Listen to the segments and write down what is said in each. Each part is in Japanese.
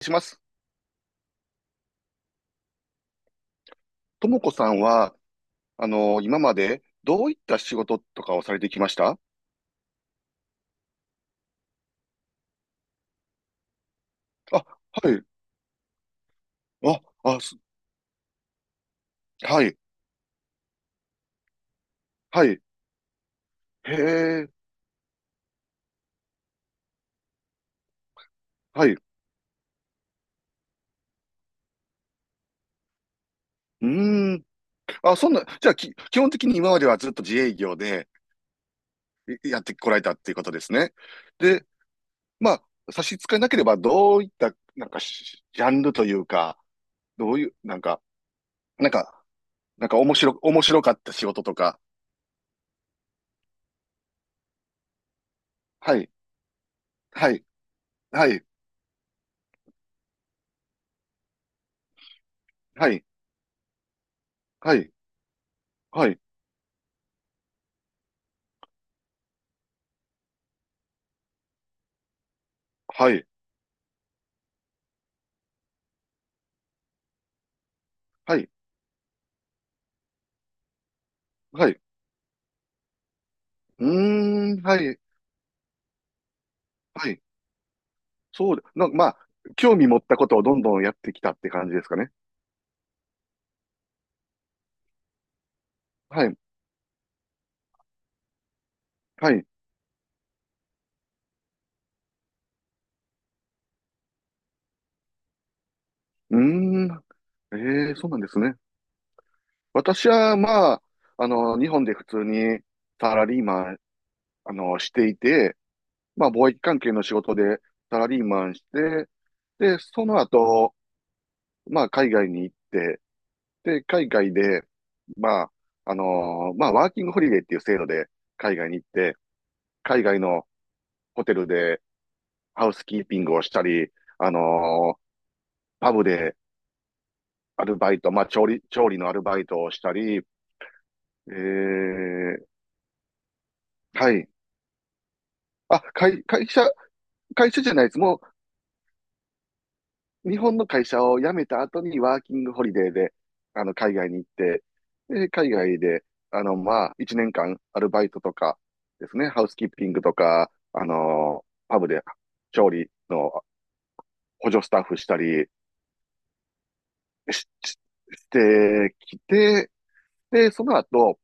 します。ともこさんは、今までどういった仕事とかをされてきました？あ、はい。あ、あ、すはい。はい。へえ、はい。うーん。あ、そんな、じゃあ、基本的に今まではずっと自営業でいやってこられたっていうことですね。で、まあ、差し支えなければ、どういった、なんかし、ジャンルというか、どういう、なんか、なんか、面白かった仕事とか。はい。はい。はい。はい。はい。はい。はい。はい。はい。うーん、はい、はい。そうで、な、まあ、興味持ったことをどんどんやってきたって感じですかね。はい、はい。うーん、ええ、そうなんですね。私は、まあ、日本で普通にサラリーマン、していて、まあ、貿易関係の仕事でサラリーマンして、で、その後、まあ、海外に行って、で、海外で、まあ、まあ、ワーキングホリデーっていう制度で海外に行って、海外のホテルで、ハウスキーピングをしたり、あのーパブでアルバイト、まあ、調理のアルバイトをしたり、えー、はい。あ、会、会社、会社じゃないです。もう、日本の会社を辞めた後にワーキングホリデーで、海外に行って、で、海外で、まあ、1年間アルバイトとかですね、ハウスキーピングとか、パブで調理の補助スタッフしたりし、ししてきて、で、その後、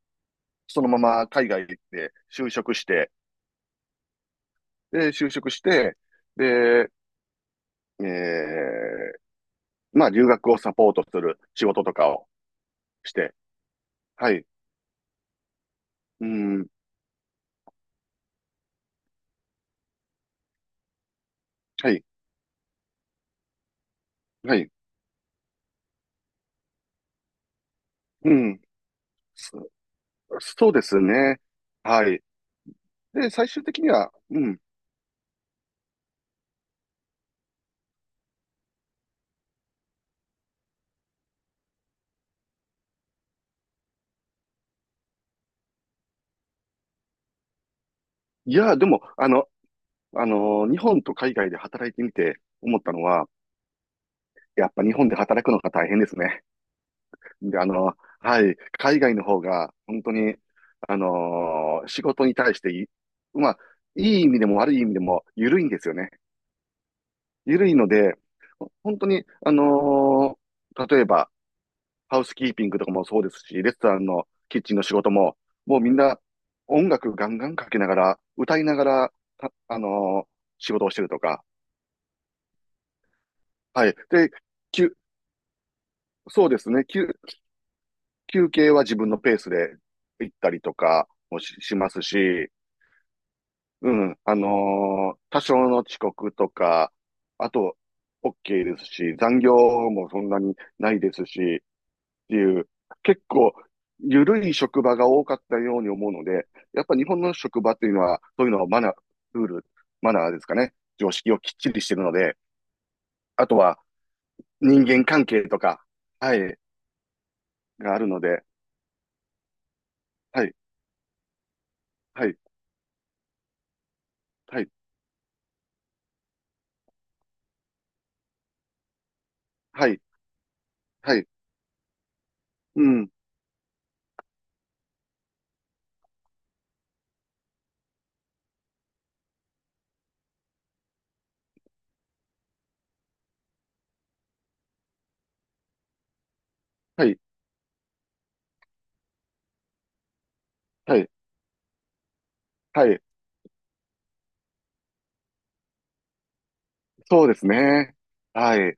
そのまま海外で就職して、で、就職して、で、えー、まあ、留学をサポートする仕事とかをして、はい、うん、はい、はい、うん、そそうですね。はい。で、最終的には、うん、いや、でも、日本と海外で働いてみて思ったのは、やっぱ日本で働くのが大変ですね。で、はい、海外の方が、本当に、仕事に対してまあ、いい意味でも悪い意味でも、緩いんですよね。緩いので、本当に、例えば、ハウスキーピングとかもそうですし、レストランのキッチンの仕事も、もうみんな、音楽ガンガンかけながら、歌いながら、たあのー仕事をしてるとか、はい。で、休そうですね、休憩は自分のペースで行ったりとかもしますし、うん。多少の遅刻とか、あと、OK ですし、残業もそんなにないですし、っていう、結構、緩い職場が多かったように思うので、やっぱ日本の職場っていうのは、そういうのはマナー、ルール、マナーですかね。常識をきっちりしてるので、あとは人間関係とか、はい、があるので、はい、はい、はい、はい、はい、うん、はい、はい、はい、そうですね。はい。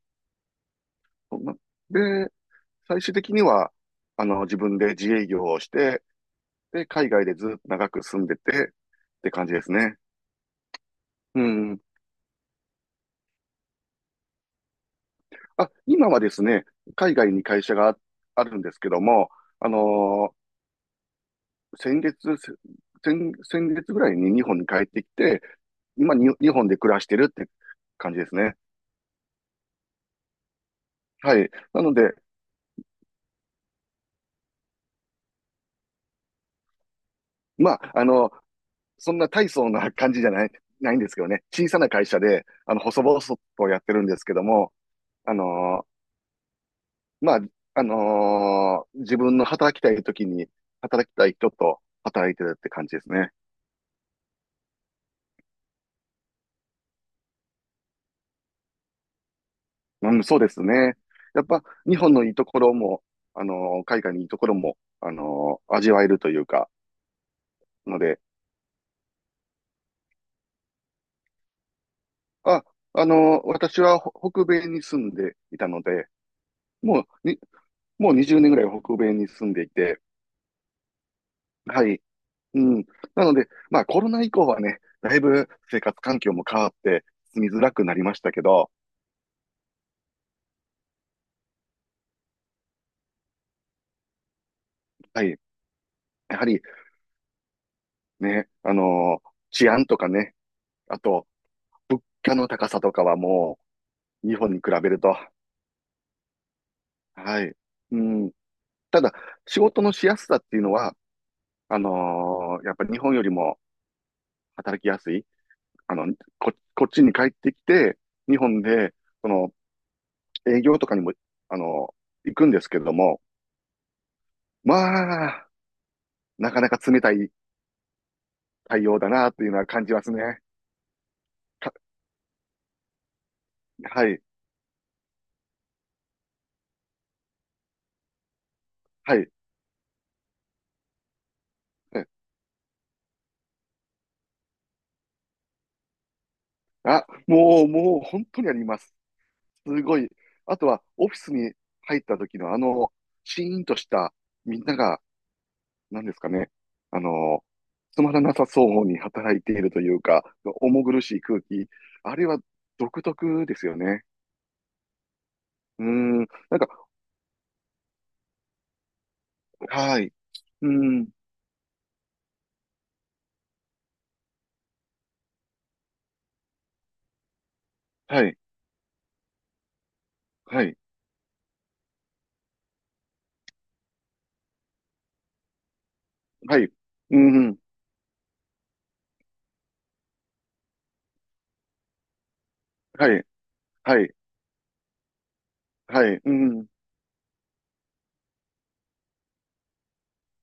で、最終的には、自分で自営業をして、で、海外でずっと長く住んでて、って感じですね。うん。あ、今はですね、海外に会社がああるんですけども、あのー先月、せ先月ぐらいに日本に帰ってきて、今に日本で暮らしてるって感じですね。はい。なので、まあ、そんな大層な感じじゃないんですけどね。小さな会社で、細々とやってるんですけども、あのーまあ、自分の働きたい時に、働きたい人と働いてるって感じですね。うん、そうですね。やっぱ、日本のいいところも、海外のいいところも、味わえるというか、ので、あ、私は北米に住んでいたので、もう、に、もう20年ぐらい北米に住んでいて、はい。うん。なので、まあ、コロナ以降はね、だいぶ生活環境も変わって、住みづらくなりましたけど、はい。やはり、ね、治安とかね、あと、物価の高さとかはもう、日本に比べると、はい。うん。ただ、仕事のしやすさっていうのは、やっぱ日本よりも働きやすい。あの、こっちに帰ってきて、日本で、その、営業とかにも、あの行くんですけども、まあ、なかなか冷たい対応だなっていうのは感じますね。かはい、はい。はい。あ、もう、本当にあります。すごい。あとは、オフィスに入った時のシーンとした、みんなが、何ですかね、あの、つまらなさそうに働いているというか、重苦しい空気、あれは独特ですよね。うーん、なんか、はい、うーん、はい、はい、はい、うーん、はい、はい、はい、うーん、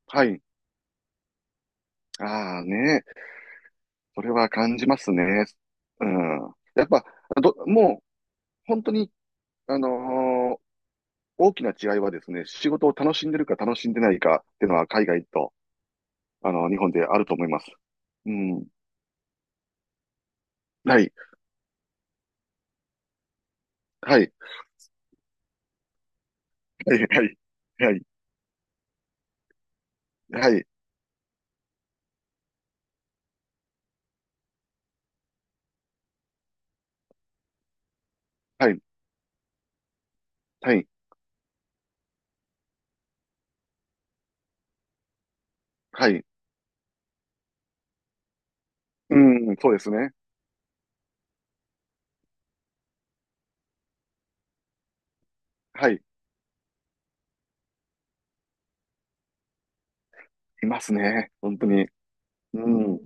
はい。ああね、それは感じますね。うん。やっぱ、もう、本当に、あのー大きな違いはですね、仕事を楽しんでるか楽しんでないかっていうのは海外と、日本であると思います。うん。はい。はい。はい。はい。はい。はい。はい。はい。はい。うん。そうですね。はい。いますね。本当に。うん。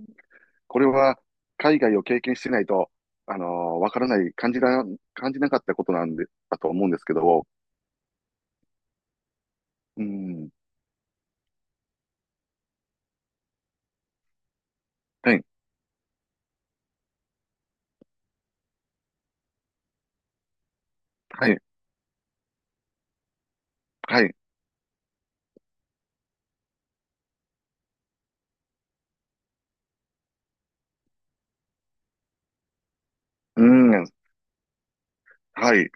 これは、海外を経験してないと、わからない、感じなかったことなんで、だと思うんですけど、うん。はい。はい。はい。うん。はい。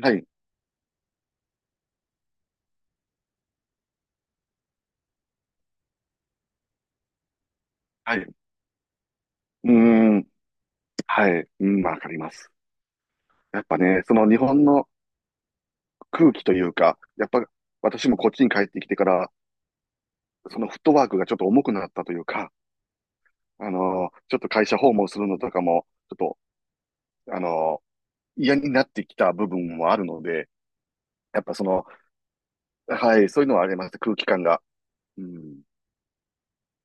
はい。はい。うん。はい。うん。わかります。やっぱね、その日本の空気というか、やっぱ私もこっちに帰ってきてから、そのフットワークがちょっと重くなったというか、ちょっと会社訪問するのとかも、ちょっと、あの、嫌になってきた部分もあるので、やっぱその、はい、そういうのはあります、空気感が。うん